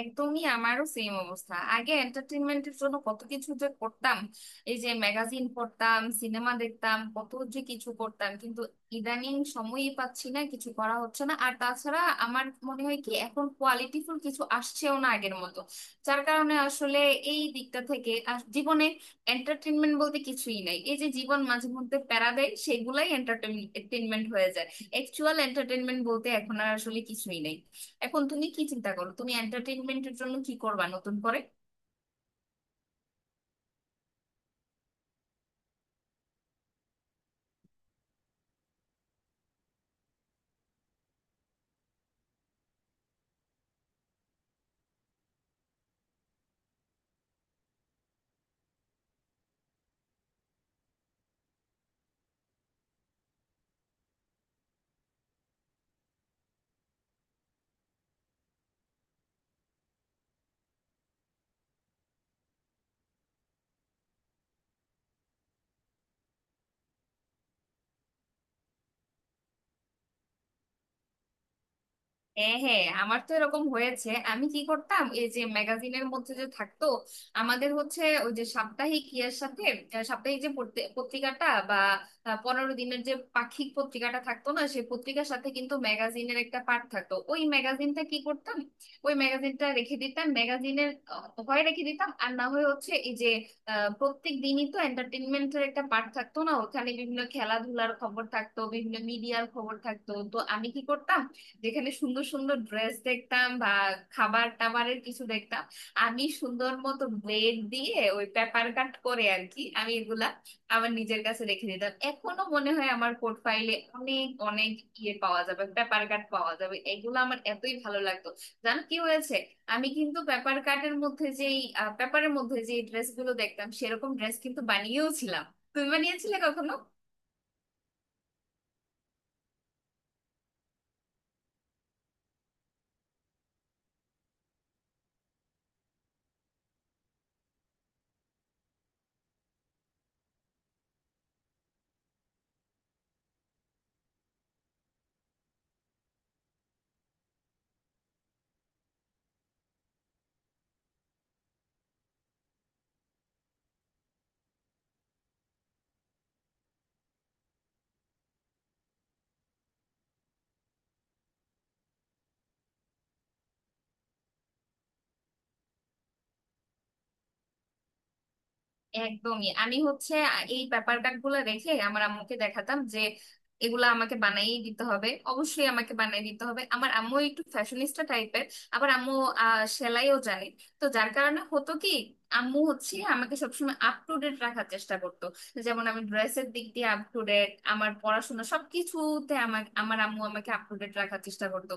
একদমই আমারও সেম অবস্থা। আগে এন্টারটেনমেন্টের জন্য কত কিছু যে করতাম, এই যে ম্যাগাজিন পড়তাম, সিনেমা দেখতাম, কত যে কিছু করতাম, কিন্তু ইদানিং সময়ই পাচ্ছি না, কিছু করা হচ্ছে না। আর তাছাড়া আমার মনে হয় কি, এখন কোয়ালিটিফুল কিছু আসছেও না আগের মতো। যার কারণে আসলে এই দিকটা থেকে আর জীবনে এন্টারটেনমেন্ট বলতে কিছুই নাই। এই যে জীবন মাঝে মধ্যে প্যারা দেয়, সেগুলাই এন্টারটেনমেন্ট হয়ে যায়। অ্যাকচুয়াল এন্টারটেনমেন্ট বলতে এখন আর আসলে কিছুই নেই। এখন তুমি কি চিন্তা করো, তুমি এন্টারটেইনমেন্টের জন্য কি করবা নতুন করে? হ্যাঁ হ্যাঁ, আমার তো এরকম হয়েছে। আমি কি করতাম, এই যে ম্যাগাজিনের মধ্যে যে থাকতো আমাদের, হচ্ছে ওই যে সাপ্তাহিক ইয়ার সাথে, সাপ্তাহিক যে পত্রিকাটা বা 15 দিনের যে পাক্ষিক পত্রিকাটা থাকতো না, সেই পত্রিকার সাথে কিন্তু ম্যাগাজিনের একটা পার্ট থাকতো। ওই ম্যাগাজিনটা কি করতাম, ওই ম্যাগাজিনটা রেখে দিতাম। ম্যাগাজিনের হয় রেখে দিতাম আর না হয় হচ্ছে এই যে প্রত্যেক দিনই তো এন্টারটেনমেন্টের একটা পার্ট থাকতো না, ওখানে বিভিন্ন খেলাধুলার খবর থাকতো, বিভিন্ন মিডিয়ার খবর থাকতো, তো আমি কি করতাম, যেখানে সুন্দর সুন্দর ড্রেস দেখতাম বা খাবার টাবারের কিছু দেখতাম, আমি সুন্দর মতো ব্লেড দিয়ে ওই পেপার কাট করে আর কি, আমি এগুলা আমার নিজের কাছে রেখে দিতাম। এখনো মনে হয় আমার পোর্টফাইলে অনেক অনেক ইয়ে পাওয়া যাবে, পেপার কাট পাওয়া যাবে। এগুলো আমার এতই ভালো লাগতো। জানো কি হয়েছে, আমি কিন্তু পেপার কাটের মধ্যে যেই পেপারের মধ্যে যে ড্রেস গুলো দেখতাম, সেরকম ড্রেস কিন্তু বানিয়েও ছিলাম। তুমি বানিয়েছিলে কখনো? একদমই। আমি হচ্ছে এই পেপার কাট গুলো রেখে আমার আম্মুকে দেখাতাম যে এগুলা আমাকে বানাই দিতে হবে, অবশ্যই আমাকে বানাই দিতে হবে। আমার আম্মু একটু ফ্যাশনিস্টা টাইপের। আবার আম্মু সেলাইও জানে। তো যার কারণে হতো কি, আম্মু হচ্ছে আমাকে সবসময় আপ টু ডেট রাখার চেষ্টা করতো। যেমন আমি ড্রেসের দিক দিয়ে আপ টু ডেট, আমার পড়াশোনা সবকিছুতে আমার আমার আম্মু আমাকে আপ টু ডেট রাখার চেষ্টা করতো।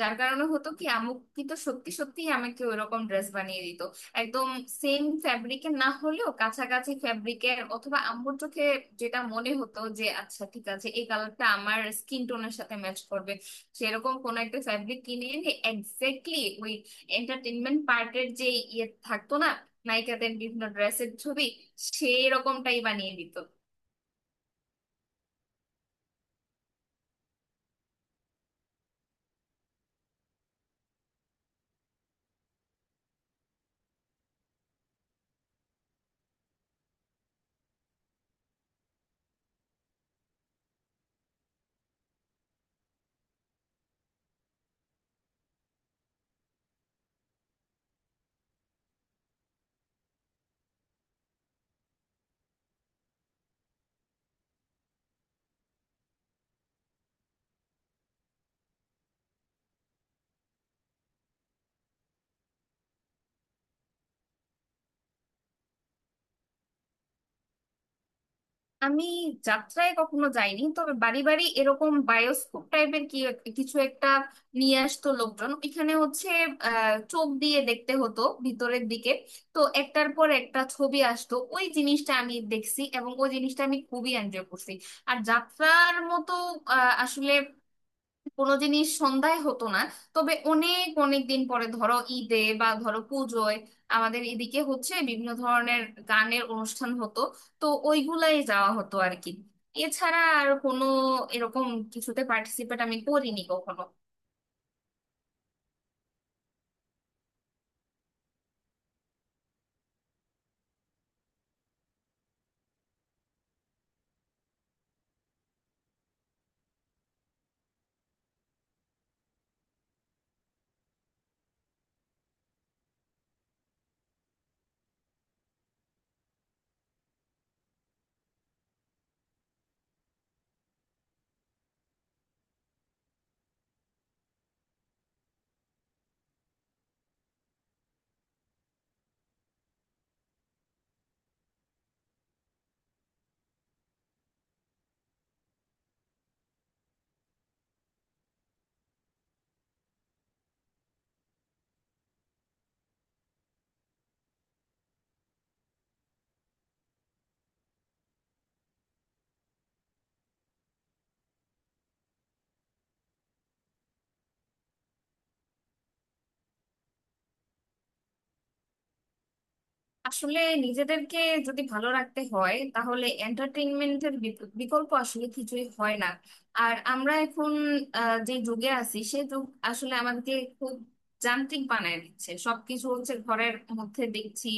যার কারণে হতো কি, আম্মু কিন্তু সত্যি সত্যি আমাকে ওইরকম ড্রেস বানিয়ে দিত। একদম সেম ফ্যাব্রিকের না হলেও কাছাকাছি ফ্যাব্রিকের, অথবা আম্মুর চোখে যেটা মনে হতো যে আচ্ছা ঠিক আছে এই কালারটা আমার স্কিন টোনের সাথে ম্যাচ করবে, সেরকম কোন একটা ফ্যাব্রিক কিনে এনে এক্স্যাক্টলি ওই এন্টারটেনমেন্ট পার্টের যে ইয়ে থাকতো না, নায়িকাদের বিভিন্ন ড্রেসের ছবি, সেই রকমটাই বানিয়ে দিত। আমি যাত্রায় কখনো যাইনি, তবে বাড়ি বাড়ি এরকম বায়োস্কোপ টাইপের কি কিছু একটা নিয়ে আসতো লোকজন। এখানে হচ্ছে চোখ দিয়ে দেখতে হতো ভিতরের দিকে, তো একটার পর একটা ছবি আসতো। ওই জিনিসটা আমি দেখছি এবং ওই জিনিসটা আমি খুবই এনজয় করছি। আর যাত্রার মতো আসলে কোনো জিনিস সন্ধ্যায় হতো না। তবে অনেক অনেক দিন পরে ধরো ঈদে বা ধরো পুজোয় আমাদের এদিকে হচ্ছে বিভিন্ন ধরনের গানের অনুষ্ঠান হতো, তো ওইগুলাই যাওয়া হতো আর কি। এছাড়া আর কোনো এরকম কিছুতে পার্টিসিপেট আমি করিনি কখনো। আসলে নিজেদেরকে যদি ভালো রাখতে হয় তাহলে এন্টারটেইনমেন্টের বিকল্প আসলে কিছুই হয় না। আর আমরা এখন যে যুগে আছি সে যুগ আসলে আমাদেরকে খুব যান্ত্রিক বানায় দিচ্ছে। সবকিছু হচ্ছে ঘরের মধ্যে দেখছি,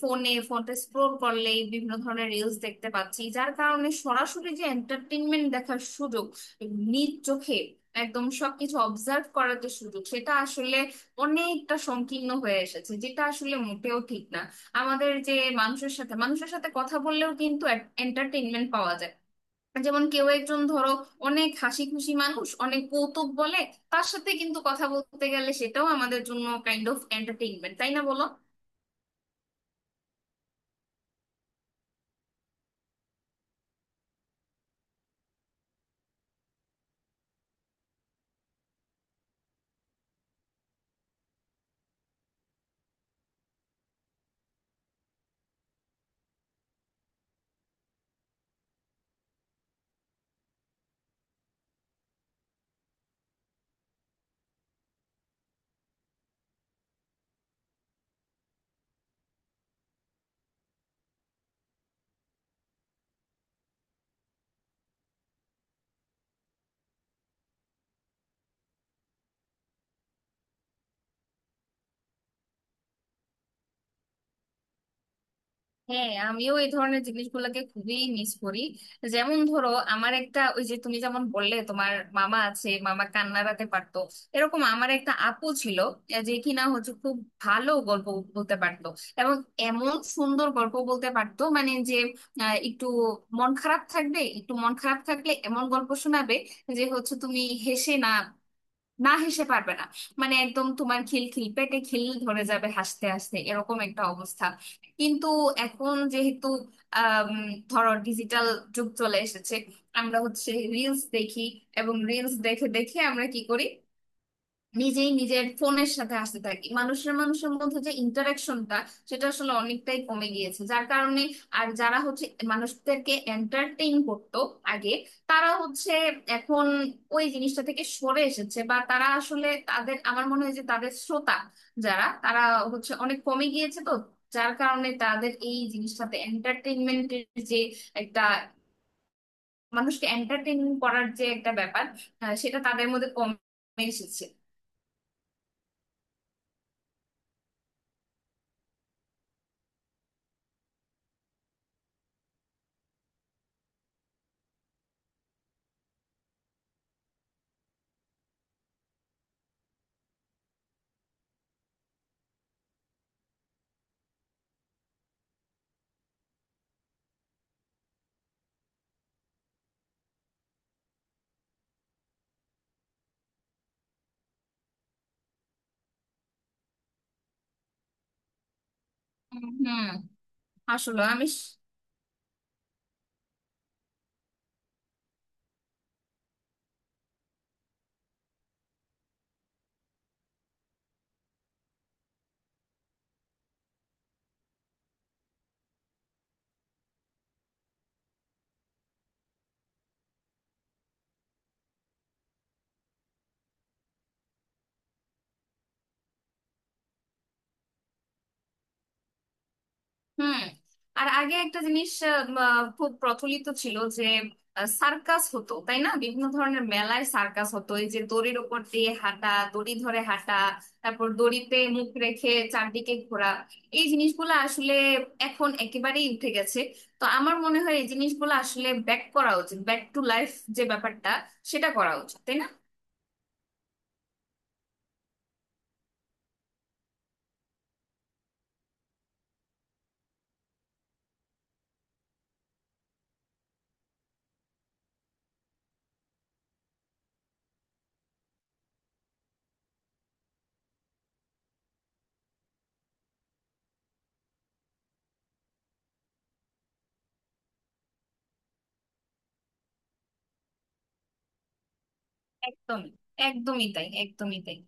ফোনে। ফোনটা স্ক্রোল করলেই বিভিন্ন ধরনের রিলস দেখতে পাচ্ছি, যার কারণে সরাসরি যে এন্টারটেইনমেন্ট দেখার সুযোগ, নিজ চোখে একদম সবকিছু অবজার্ভ করার যে সুযোগ, সেটা আসলে অনেকটা সংকীর্ণ হয়ে এসেছে, যেটা আসলে মোটেও ঠিক না। আমাদের যে মানুষের সাথে কথা বললেও কিন্তু এন্টারটেইনমেন্ট পাওয়া যায়। যেমন কেউ একজন ধরো অনেক হাসি খুশি মানুষ, অনেক কৌতুক বলে, তার সাথে কিন্তু কথা বলতে গেলে সেটাও আমাদের জন্য কাইন্ড অফ এন্টারটেইনমেন্ট, তাই না বলো? হ্যাঁ, আমিও এই ধরনের জিনিসগুলোকে খুবই মিস করি। যেমন ধরো আমার একটা, ওই যে তুমি যেমন বললে তোমার মামা আছে মামা কান্নারাতে পারতো, এরকম আমার একটা আপু ছিল যে কিনা হচ্ছে খুব ভালো গল্প বলতে পারতো। এবং এমন সুন্দর গল্প বলতে পারতো মানে যে একটু মন খারাপ থাকবে, একটু মন খারাপ থাকলে এমন গল্প শোনাবে যে হচ্ছে তুমি হেসে না, না হেসে পারবে না। মানে একদম তোমার খিল খিল, পেটে খিল ধরে যাবে হাসতে হাসতে, এরকম একটা অবস্থা। কিন্তু এখন যেহেতু আম, ধরো ডিজিটাল যুগ চলে এসেছে, আমরা হচ্ছে রিলস দেখি। এবং রিলস দেখে দেখে আমরা কি করি, নিজেই নিজের ফোনের সাথে আসতে থাকি। মানুষের মানুষের মধ্যে যে ইন্টারাকশনটা, সেটা আসলে অনেকটাই কমে গিয়েছে। যার কারণে আর যারা হচ্ছে মানুষদেরকে এন্টারটেইন করতো আগে, তারা হচ্ছে এখন ওই জিনিসটা থেকে সরে এসেছে। বা তারা আসলে তাদের, আমার মনে হয় যে তাদের শ্রোতা যারা, তারা হচ্ছে অনেক কমে গিয়েছে, তো যার কারণে তাদের এই জিনিসটাতে এন্টারটেইনমেন্টের যে একটা, মানুষকে এন্টারটেইন করার যে একটা ব্যাপার, সেটা তাদের মধ্যে কমে এসেছে। হুম। আসলে হুম। আর আগে একটা জিনিস খুব প্রচলিত ছিল যে সার্কাস হতো, তাই না? বিভিন্ন ধরনের মেলায় সার্কাস হতো, এই যে দড়ির ওপর দিয়ে হাঁটা, দড়ি ধরে হাঁটা, তারপর দড়িতে মুখ রেখে চারদিকে ঘোরা। এই জিনিসগুলো আসলে এখন একেবারেই উঠে গেছে। তো আমার মনে হয় এই জিনিসগুলো আসলে ব্যাক করা উচিত, ব্যাক টু লাইফ যে ব্যাপারটা, সেটা করা উচিত, তাই না? একদমই, একদমই তাই, একদমই তাই।